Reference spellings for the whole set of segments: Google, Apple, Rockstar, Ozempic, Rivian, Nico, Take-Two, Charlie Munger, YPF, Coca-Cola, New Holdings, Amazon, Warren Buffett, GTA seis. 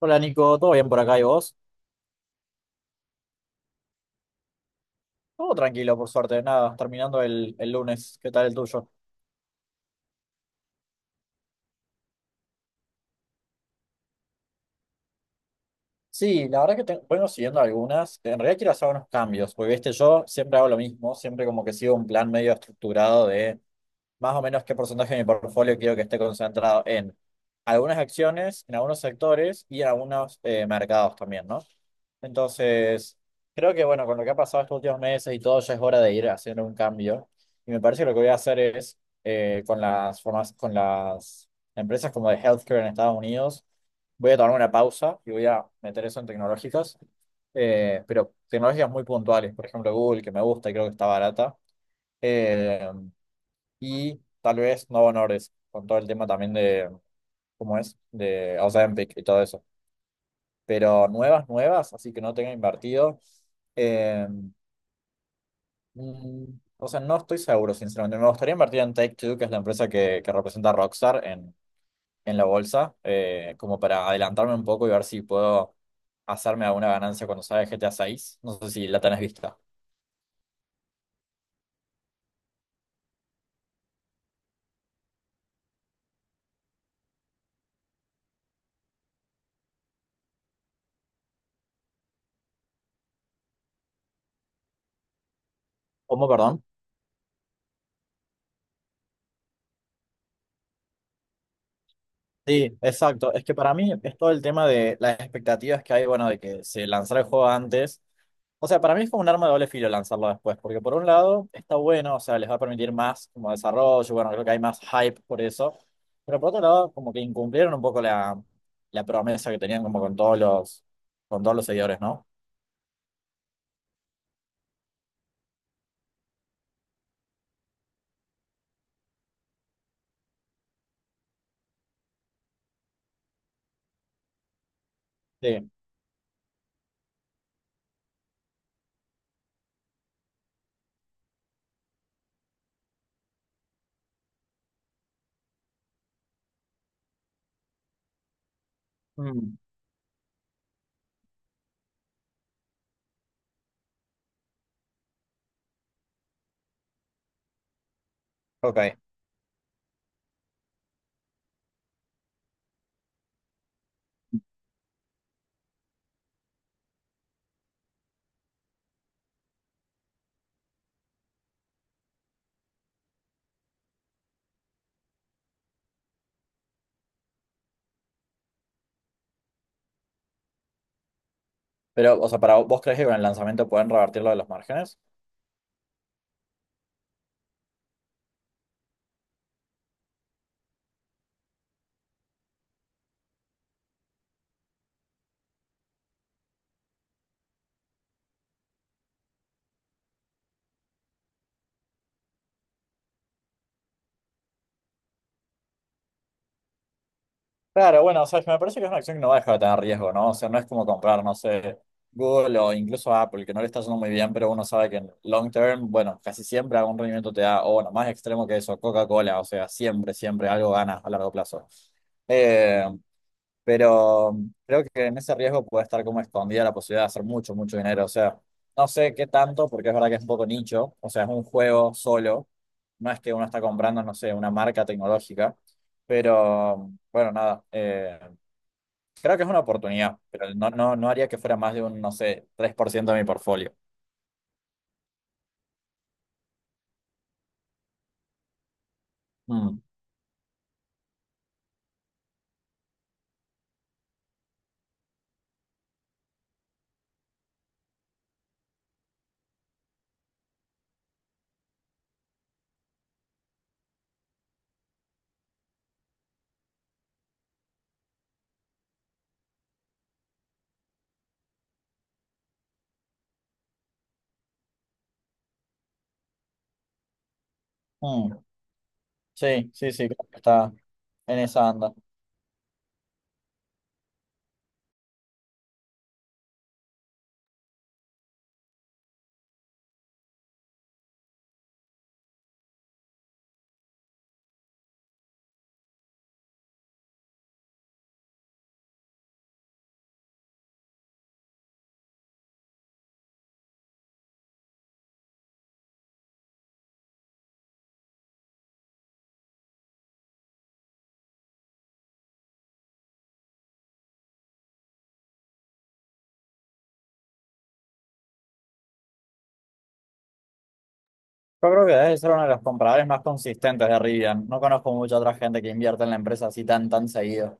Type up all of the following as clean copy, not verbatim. Hola Nico, ¿todo bien por acá y vos? Todo tranquilo, por suerte, nada, terminando el lunes, ¿qué tal el tuyo? Sí, la verdad que vengo siguiendo algunas, en realidad quiero hacer unos cambios, porque viste, yo siempre hago lo mismo, siempre como que sigo un plan medio estructurado de más o menos qué porcentaje de mi portfolio quiero que esté concentrado en algunas acciones, en algunos sectores y en algunos mercados también, ¿no? Entonces, creo que bueno, con lo que ha pasado estos últimos meses y todo, ya es hora de ir haciendo un cambio. Y me parece que lo que voy a hacer es con las empresas como de healthcare en Estados Unidos. Voy a tomar una pausa y voy a meter eso en tecnológicas, pero tecnologías muy puntuales, por ejemplo Google, que me gusta y creo que está barata. Eh, y tal vez no honores con todo el tema también de, ¿cómo es? De Ozempic y todo eso. Pero nuevas, nuevas, así que no tenga invertido. eh, mm, o sea, no estoy seguro, sinceramente. Me gustaría invertir en Take-Two, que es la empresa que representa a Rockstar en la bolsa, como para adelantarme un poco y ver si puedo hacerme alguna ganancia cuando salga GTA 6. No sé si la tenés vista. ¿Cómo, perdón? Sí, exacto. Es que para mí es todo el tema de las expectativas que hay, bueno, de que se lanzara el juego antes. O sea, para mí fue un arma de doble filo lanzarlo después, porque por un lado está bueno, o sea, les va a permitir más como desarrollo, bueno, creo que hay más hype por eso, pero por otro lado como que incumplieron un poco la promesa que tenían como con todos los seguidores, ¿no? Sí. Mm, ok. ¿Pero, o sea, para vos crees que con el lanzamiento pueden revertir lo de los márgenes? Claro, bueno, o sea, me parece que es una acción que no va a dejar de tener riesgo, ¿no? O sea, no es como comprar, no sé, Google o incluso Apple, que no le está yendo muy bien, pero uno sabe que en long term, bueno, casi siempre algún rendimiento te da, o bueno, más extremo que eso, Coca-Cola, o sea, siempre, siempre algo ganas a largo plazo. Eh, pero creo que en ese riesgo puede estar como escondida la posibilidad de hacer mucho, mucho dinero. O sea, no sé qué tanto, porque es verdad que es un poco nicho, o sea, es un juego solo, no es que uno está comprando, no sé, una marca tecnológica, pero bueno, nada, creo que es una oportunidad, pero no, no, no haría que fuera más de un, no sé, 3% de mi portfolio. Mm, mm, sí, sí, sí, creo que está en esa anda. Yo creo que debe ser uno de los compradores más consistentes de Rivian. No conozco mucha otra gente que invierta en la empresa así tan, tan seguido.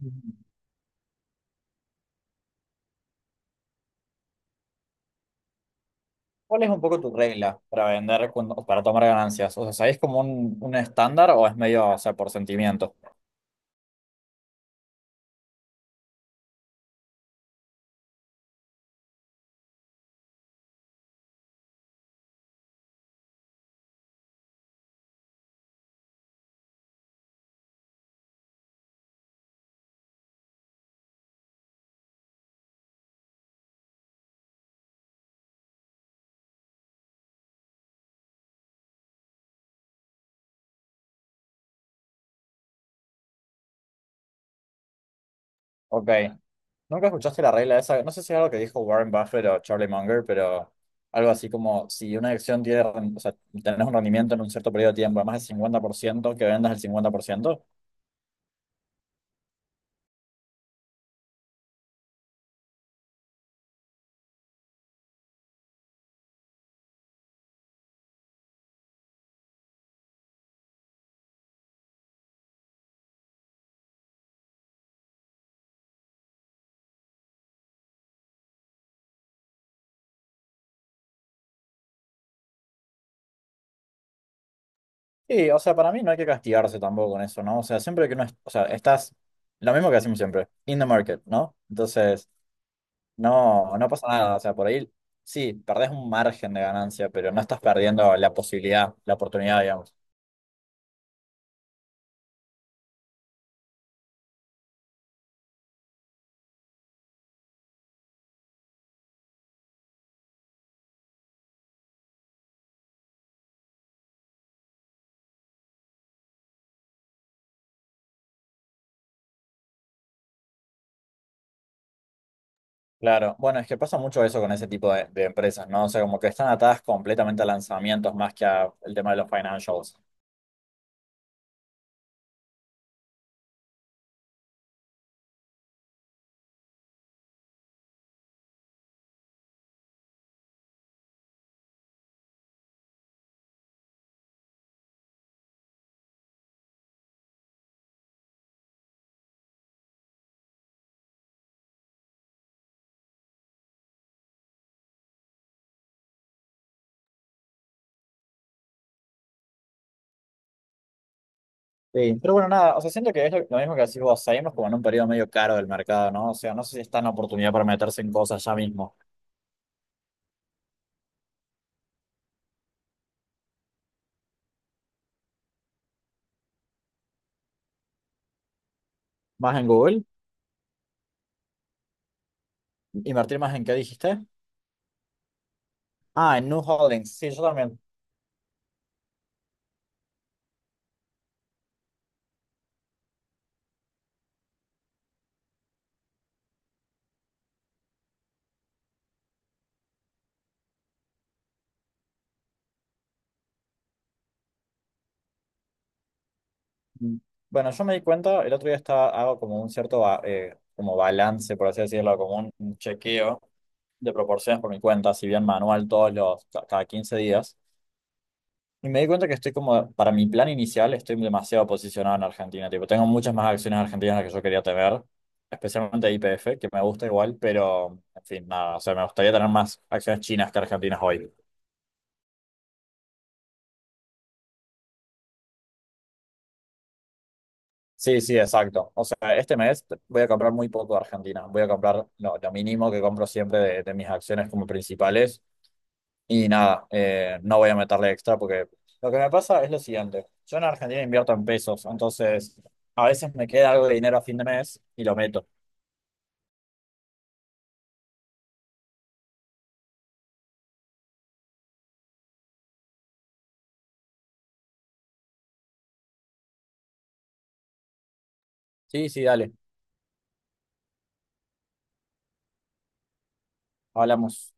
Ujú. ¿Cuál es un poco tu regla para vender cuando o para tomar ganancias? O sea, ¿sabés como un estándar o es medio, o sea, por sentimiento? Ok. ¿Nunca escuchaste la regla esa? No sé si es algo que dijo Warren Buffett o Charlie Munger, pero algo así como si una acción tiene, o sea, tenés un rendimiento en un cierto periodo de tiempo, de más del 50%, que vendas el 50%. Y, o sea, para mí no hay que castigarse tampoco con eso, ¿no? O sea, siempre que uno, o sea, estás, lo, mismo que hacemos siempre, in the market, ¿no? Entonces, no, no pasa nada. O sea, por ahí sí, perdés un margen de ganancia, pero no estás perdiendo la posibilidad, la oportunidad, digamos. Claro, bueno, es que pasa mucho eso con ese tipo de empresas, ¿no? O sea, como que están atadas completamente a lanzamientos más que al tema de los financials. Sí. Pero bueno, nada, o sea, siento que es lo mismo que decís vos, seguimos como en un periodo medio caro del mercado, ¿no? O sea, no sé si está en oportunidad para meterse en cosas ya mismo. ¿Más en Google? ¿Invertir más en qué dijiste? Ah, en New Holdings. Sí, yo también. Mm. Bueno, yo me di cuenta, el otro día estaba, hago como un cierto como balance, por así decirlo, como un chequeo de proporciones por mi cuenta, si bien manual cada 15 días. Y me di cuenta que estoy como, para mi plan inicial, estoy demasiado posicionado en Argentina. Tipo, tengo muchas más acciones argentinas de las que yo quería tener, especialmente YPF, que me gusta igual, pero, en fin, nada, o sea, me gustaría tener más acciones chinas que argentinas hoy. Sí, sí, exacto. O sea, este mes voy a comprar muy poco de Argentina. Voy a comprar lo mínimo que compro siempre de mis acciones como principales. Y nada, no voy a meterle extra porque lo que me pasa es lo siguiente. Yo en Argentina invierto en pesos, entonces a veces me queda algo de dinero a fin de mes y lo meto. Sí, sí, dale. Hablamos.